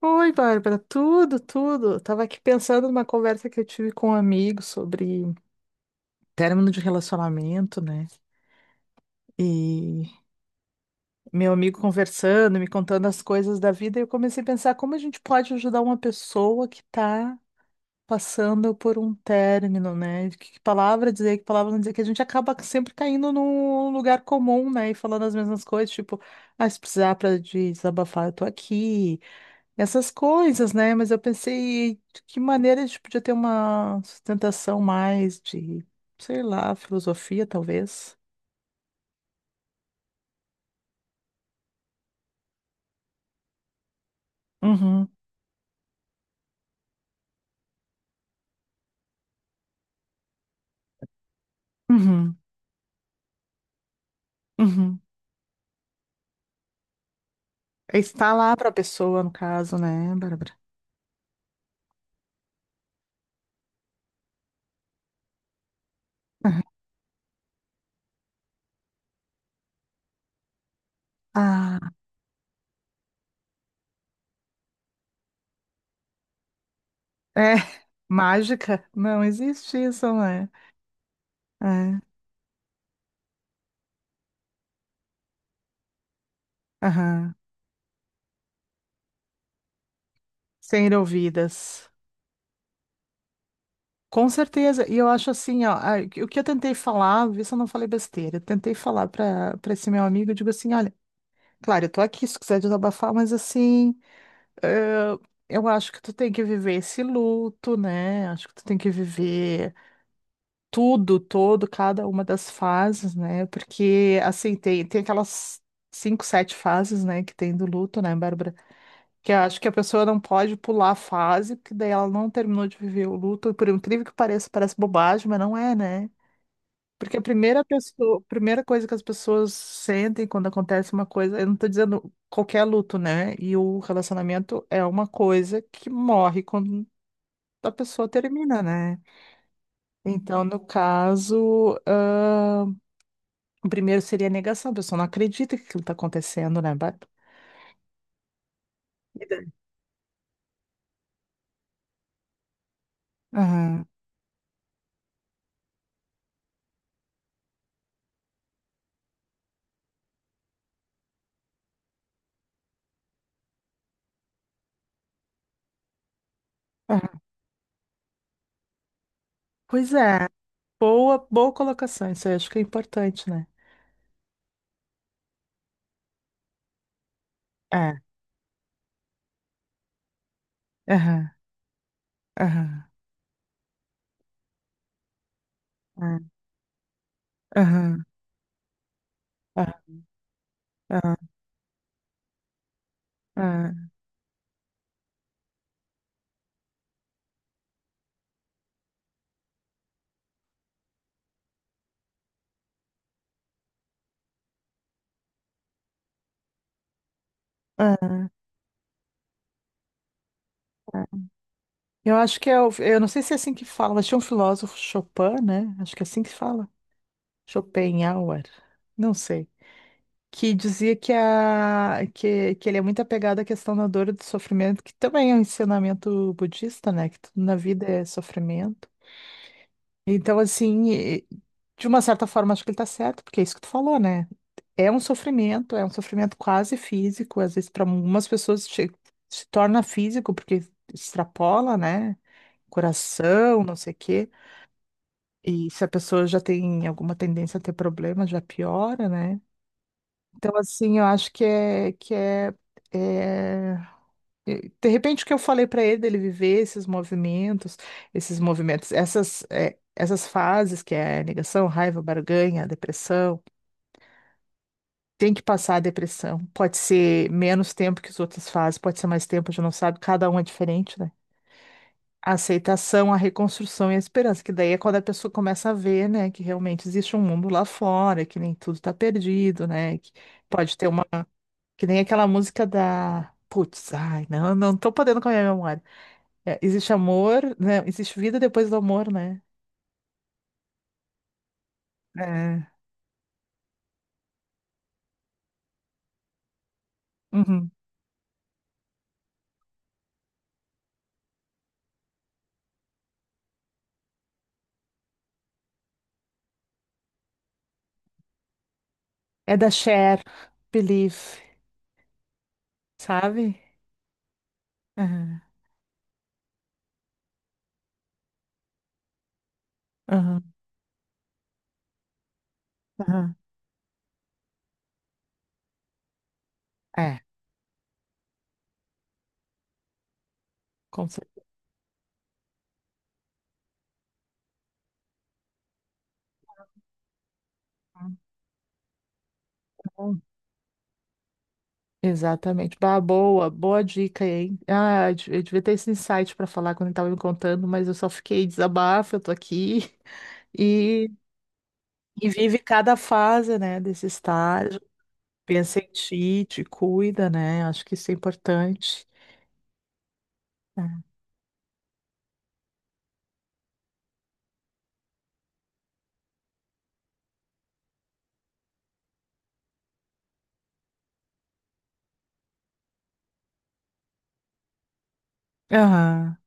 Oi, Bárbara, tudo, tudo. Tava aqui pensando numa conversa que eu tive com um amigo sobre término de relacionamento, né? E meu amigo conversando, me contando as coisas da vida, e eu comecei a pensar como a gente pode ajudar uma pessoa que tá passando por um término, né? Que palavra dizer, que palavra não dizer, que a gente acaba sempre caindo num lugar comum, né? E falando as mesmas coisas, tipo, ah, se precisar pra desabafar, eu tô aqui. Essas coisas, né? Mas eu pensei de que maneira a gente podia ter uma sustentação mais de, sei lá, filosofia, talvez. Uhum, uhum, uhum. Está lá para a pessoa, no caso, né, Bárbara? Aham. Ah, é, mágica? Não existe isso, né? É, aham. Ser ouvidas. Com certeza, e eu acho assim, ó, o que eu tentei falar, vê se eu não falei besteira, eu tentei falar para esse meu amigo, eu digo assim, olha. Claro, eu tô aqui se quiser desabafar, mas assim, eh, eu acho que tu tem que viver esse luto, né? Acho que tu tem que viver tudo, todo, cada uma das fases, né? Porque, assim, tem aquelas 5, 7 fases, né, que tem do luto, né, Bárbara? Que eu acho que a pessoa não pode pular a fase, porque daí ela não terminou de viver o luto, por incrível que pareça, parece bobagem, mas não é, né? Porque a primeira pessoa, primeira coisa que as pessoas sentem quando acontece uma coisa, eu não tô dizendo qualquer luto, né? E o relacionamento é uma coisa que morre quando a pessoa termina, né? Então, no caso, ah, o primeiro seria a negação, a pessoa não acredita que aquilo tá acontecendo, né? Bárbara? Vida. Aham, aham. Pois é, boa, boa colocação, isso eu acho que é importante, né? É, aham, aham, aham, aham, aham, aham, aham, aham. Eu acho que é, eu não sei se é assim que fala, mas tinha um filósofo Chopin, né? Acho que é assim que se fala. Schopenhauer, não sei. Que dizia que ele é muito apegado à questão da dor e do sofrimento, que também é um ensinamento budista, né? Que tudo na vida é sofrimento. Então, assim, de uma certa forma, acho que ele tá certo, porque é isso que tu falou, né? É um sofrimento quase físico, às vezes para algumas pessoas se torna físico, porque extrapola, né? Coração, não sei o quê. E se a pessoa já tem alguma tendência a ter problema, já piora, né? Então, assim, eu acho que é, que é. De repente, o que eu falei para ele, dele viver esses movimentos, essas fases, que é negação, raiva, barganha, depressão, tem que passar a depressão. Pode ser menos tempo que as outras fases, pode ser mais tempo, a gente não sabe, cada um é diferente, né? A aceitação, a reconstrução e a esperança, que daí é quando a pessoa começa a ver, né, que realmente existe um mundo lá fora, que nem tudo tá perdido, né, que pode ter uma, que nem aquela música da, putz, ai, não, não tô podendo com a minha memória. É, existe amor, né, existe vida depois do amor, né? É, uhum. É da Cher, Believe, sabe? Aham, aham, aham. É, com certeza. Exatamente. Bah, boa, boa dica, hein? Ah, eu devia ter esse insight para falar quando ele estava me contando, mas eu só fiquei desabafo, eu tô aqui e, e vive cada fase, né, desse estágio. Pensa em ti, te cuida, né? Acho que isso é importante. É. Aham.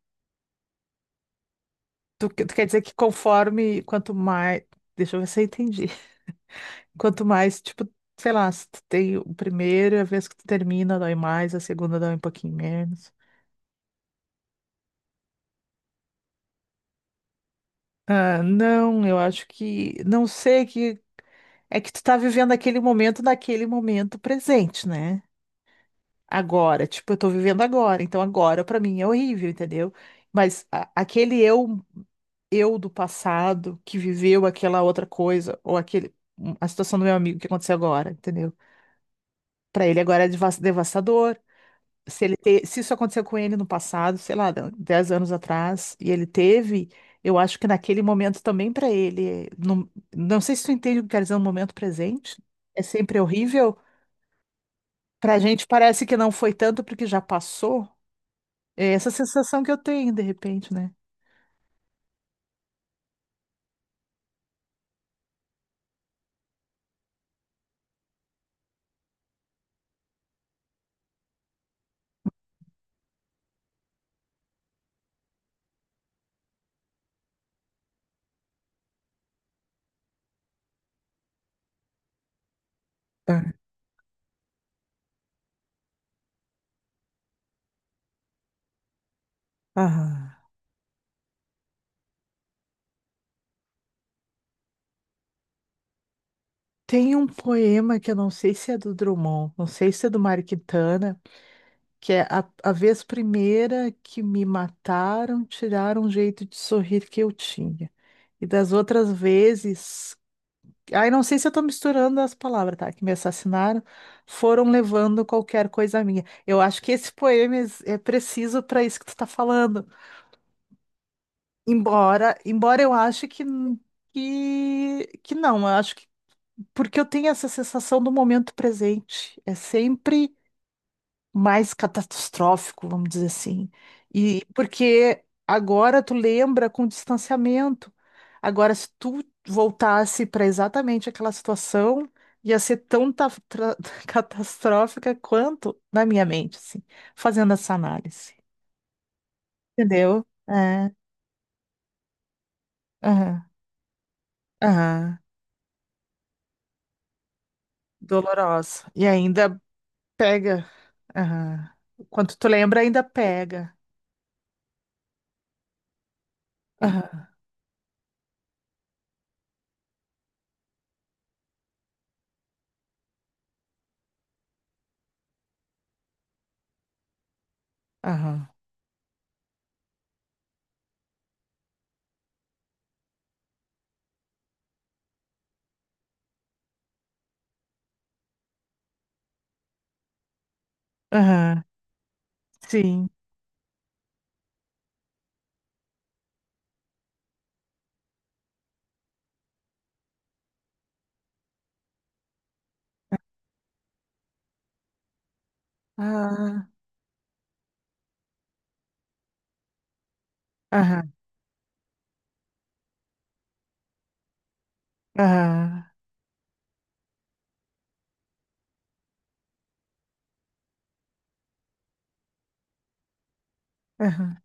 Tu, tu quer dizer que conforme, quanto mais. Deixa eu ver se eu entendi. Quanto mais, tipo, sei lá, se tu tem o primeiro, a vez que tu termina, dói mais, a segunda dói um pouquinho menos. Ah, não, eu acho que. Não sei que. É que tu tá vivendo aquele momento naquele momento presente, né? Agora, tipo, eu tô vivendo agora, então agora pra mim é horrível, entendeu? Mas aquele eu do passado que viveu aquela outra coisa, ou aquele, a situação do meu amigo que aconteceu agora, entendeu? Pra ele agora é devastador se ele se isso aconteceu com ele no passado, sei lá, 10 anos atrás, e ele teve, eu acho que naquele momento também para ele, não, não sei se tu entende o que quer dizer no momento presente, é sempre horrível. Pra gente parece que não foi tanto porque já passou. É essa sensação que eu tenho de repente, né? Ah. Ah. Tem um poema que eu não sei se é do Drummond, não sei se é do Mário Quintana, que é a vez primeira que me mataram, tiraram o jeito de sorrir que eu tinha. E das outras vezes, ai, não sei se eu tô misturando as palavras, tá? Que me assassinaram, foram levando qualquer coisa minha. Eu acho que esse poema é preciso para isso que tu tá falando. Embora eu ache que que não, eu acho que porque eu tenho essa sensação do momento presente. É sempre mais catastrófico, vamos dizer assim. E porque agora tu lembra com distanciamento. Agora, se tu voltasse para exatamente aquela situação, ia ser tão catastrófica quanto na minha mente, assim, fazendo essa análise. Entendeu? É. Aham. Aham. Dolorosa. E ainda pega. Aham. Quando tu lembra, ainda pega. Aham. Aham. Aham. Sim. Ah. Aham. Aham, aham.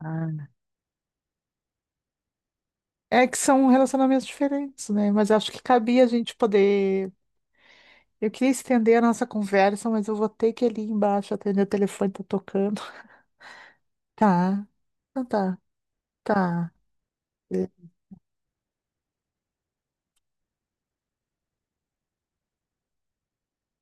Ah. É que são relacionamentos diferentes, né? Mas eu acho que cabia a gente poder. Eu queria estender a nossa conversa, mas eu vou ter que ir ali embaixo atender o telefone, tá tocando. Tá, então tá, tá.